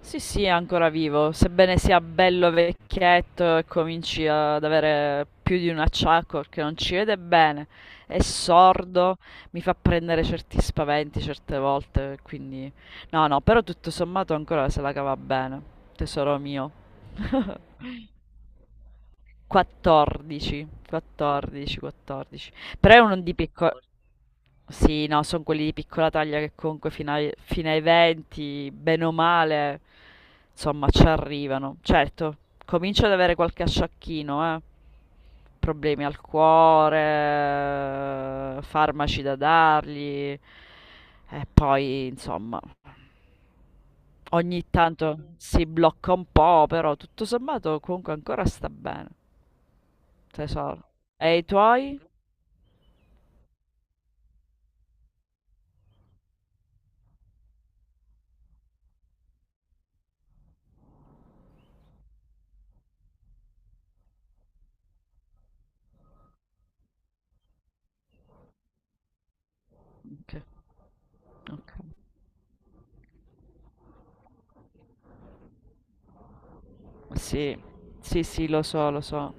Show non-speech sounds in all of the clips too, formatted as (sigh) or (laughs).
Sì, sì, è ancora vivo, sebbene sia bello vecchietto e cominci ad avere più di un acciacco perché non ci vede bene, è sordo, mi fa prendere certi spaventi certe volte, quindi no, no, però tutto sommato ancora se la cava bene, tesoro mio. (laughs) 14, 14, 14. Però è uno di piccola... Sì, no, sono quelli di piccola taglia che comunque fino ai 20, bene o male, insomma, ci arrivano. Certo, comincio ad avere qualche asciacchino, Problemi al cuore, farmaci da dargli. E poi, insomma, ogni tanto si blocca un po', però tutto sommato comunque ancora sta bene. Tesoro. E i tuoi? Ok, ok. Sì, sì, sì, lo so, lo so.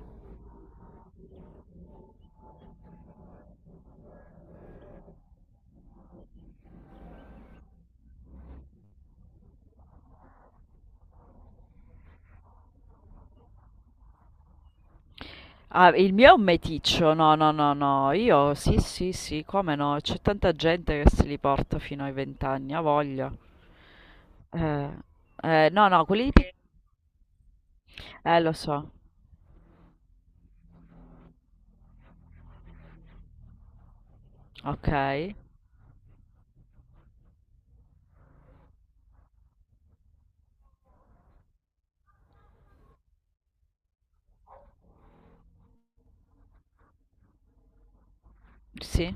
Ah, il mio è un meticcio, no, no, no, no. Io sì, sì, sì, come no? C'è tanta gente che se li porta fino ai vent'anni, ha voglia. Eh, no, no, quelli di... pi- lo so. Ok, sì.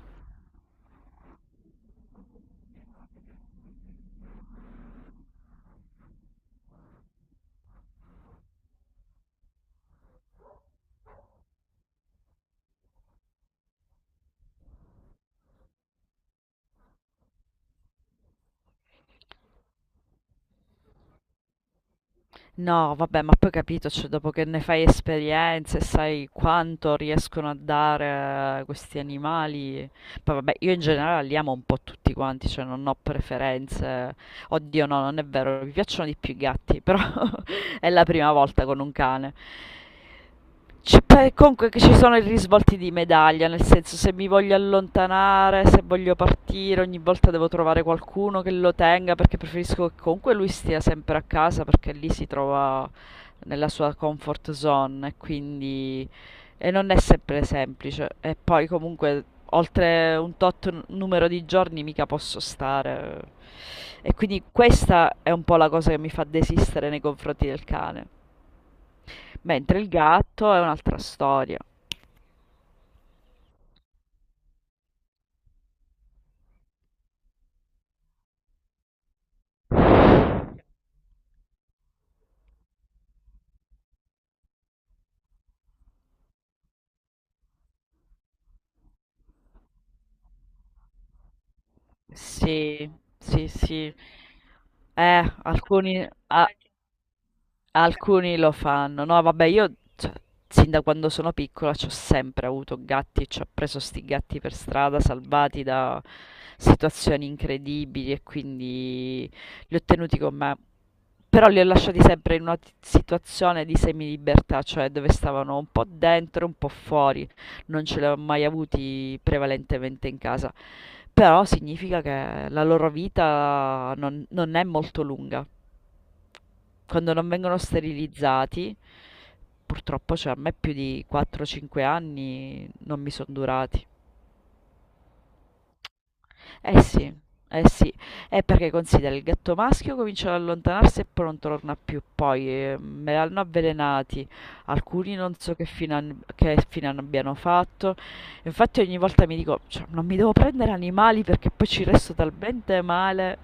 No, vabbè, ma poi capito, cioè, dopo che ne fai esperienze, sai quanto riescono a dare questi animali. Poi vabbè, io in generale li amo un po' tutti quanti, cioè non ho preferenze. Oddio, no, non è vero, mi piacciono di più i gatti, però (laughs) è la prima volta con un cane. Cioè, beh, comunque che ci sono i risvolti di medaglia, nel senso se mi voglio allontanare, se voglio partire, ogni volta devo trovare qualcuno che lo tenga perché preferisco che comunque lui stia sempre a casa perché lì si trova nella sua comfort zone e quindi e non è sempre semplice. E poi comunque oltre un tot numero di giorni mica posso stare. E quindi questa è un po' la cosa che mi fa desistere nei confronti del cane. Mentre il gatto è un'altra storia. Sì, sì, sì. Eh, alcuni a Alcuni lo fanno. No, vabbè, io cioè, sin da quando sono piccola ci ho sempre avuto gatti e ci ho preso sti gatti per strada, salvati da situazioni incredibili e quindi li ho tenuti con me. Però li ho lasciati sempre in una situazione di semilibertà, cioè dove stavano un po' dentro, e un po' fuori. Non ce li ho mai avuti prevalentemente in casa. Però significa che la loro vita non è molto lunga quando non vengono sterilizzati, purtroppo cioè, a me più di 4-5 anni non mi sono durati. Eh sì, eh sì, è perché considera il gatto maschio comincia ad allontanarsi e poi non torna più, poi me l'hanno avvelenati, alcuni non so che fine, abbiano fatto, infatti ogni volta mi dico, cioè, non mi devo prendere animali perché poi ci resto talmente male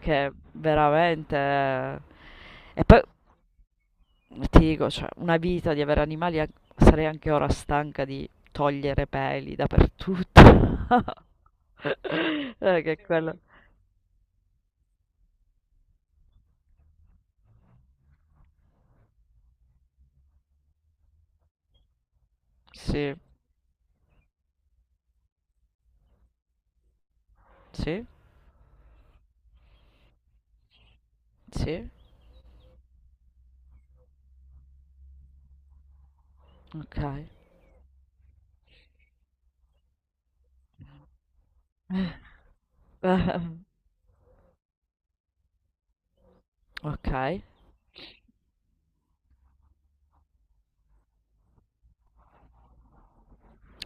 che veramente...". E poi ti dico, cioè, una vita di avere animali, sarei anche ora stanca di togliere peli dappertutto. (laughs) Che quello. Sì, sì, sì, ok. (laughs) Ok.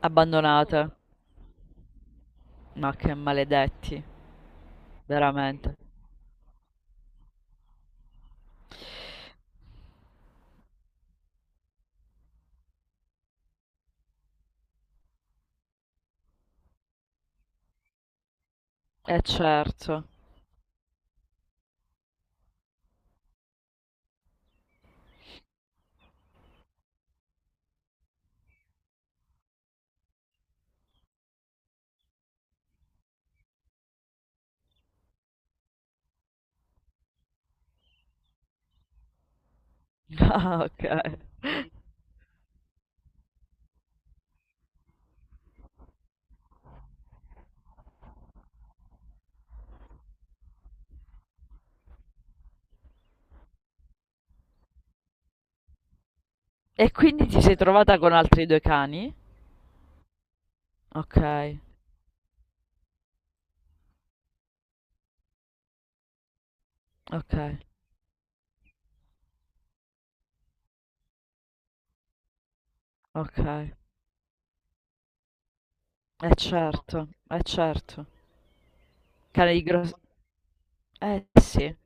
Abbandonate. Ma che maledetti, veramente. Eh certo. (laughs) Ah, ok. E quindi ti sei trovata con altri due cani? Ok, ok, ok. Eh certo, eh certo. Cane di grosso... Eh sì,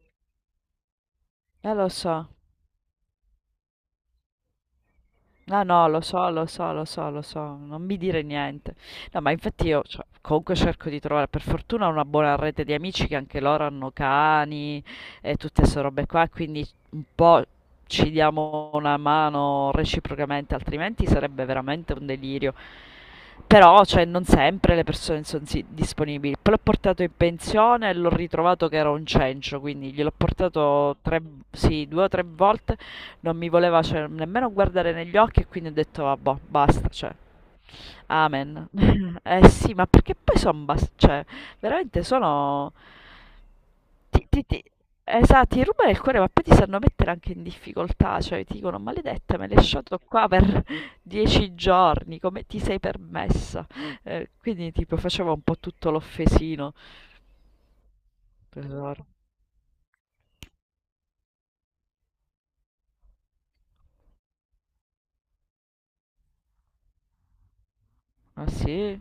lo so. No, no, lo so, lo so, lo so, lo so, non mi dire niente. No, ma infatti io cioè, comunque cerco di trovare per fortuna una buona rete di amici che anche loro hanno cani e tutte queste robe qua, quindi un po' ci diamo una mano reciprocamente, altrimenti sarebbe veramente un delirio. Però, cioè, non sempre le persone sono disponibili. Poi l'ho portato in pensione e l'ho ritrovato che era un cencio, quindi gliel'ho portato tre, sì, due o tre volte. Non mi voleva cioè, nemmeno guardare negli occhi e quindi ho detto vabbè, basta, cioè, amen. (laughs) Eh sì, ma perché poi sono cioè, veramente sono ti, ti, ti- esatto, ti rubano il cuore, ma poi ti sanno mettere anche in difficoltà, cioè ti dicono maledetta, me l'hai lasciato qua per (laughs) 10 giorni, come ti sei permessa? Quindi tipo facevo un po' tutto l'offesino. Tesoro. Ah sì?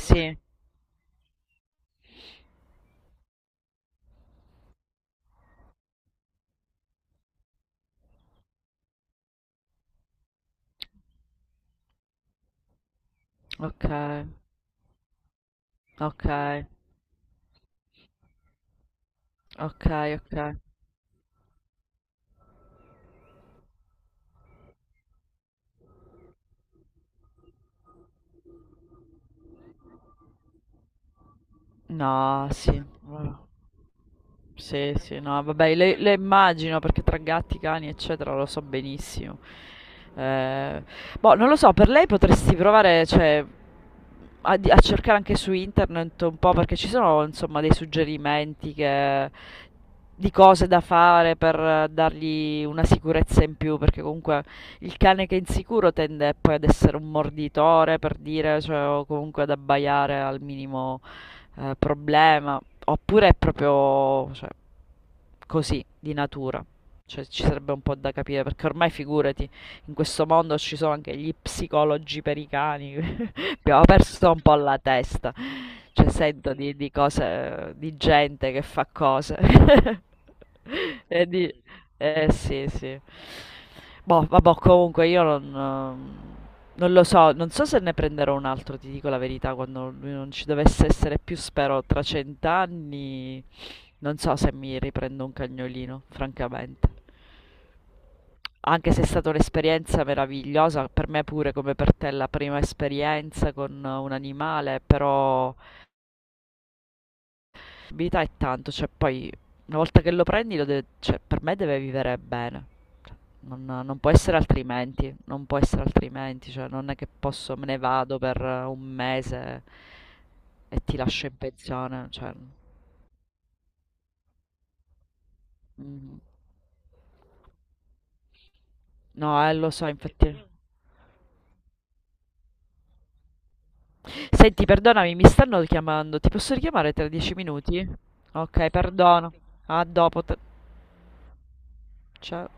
Sì, ok, ok, ok, ok. No, sì. Allora. Sì, sì, no, vabbè, le immagino perché tra gatti, cani, eccetera, lo so benissimo. Eh, boh, non lo so, per lei potresti provare, cioè, a, a cercare anche su internet un po' perché ci sono, insomma, dei suggerimenti che, di cose da fare per dargli una sicurezza in più, perché comunque il cane che è insicuro tende poi ad essere un morditore, per dire, cioè, o comunque ad abbaiare al minimo problema. Oppure è proprio, cioè, così, di natura. Cioè, ci sarebbe un po' da capire, perché ormai figurati, in questo mondo ci sono anche gli psicologi per i cani. (laughs) Abbiamo perso un po' la testa. Cioè, sento di cose, di gente che fa cose. (laughs) E eh sì, sì. Boh, vabbè, comunque io non, non lo so, non so se ne prenderò un altro, ti dico la verità, quando lui non ci dovesse essere più, spero tra cent'anni, non so se mi riprendo un cagnolino, francamente. Anche se è stata un'esperienza meravigliosa, per me pure come per te la prima esperienza con un animale, però vita è tanto, cioè poi una volta che lo prendi, cioè, per me deve vivere bene. Cioè, non, non può essere altrimenti, non può essere altrimenti, cioè non è che posso, me ne vado per un mese e ti lascio in pensione, cioè, mm. No, lo so, infatti. Senti, perdonami, mi stanno chiamando, ti posso richiamare tra 10 minuti? Ok, perdono. A dopo. Te- Ciao.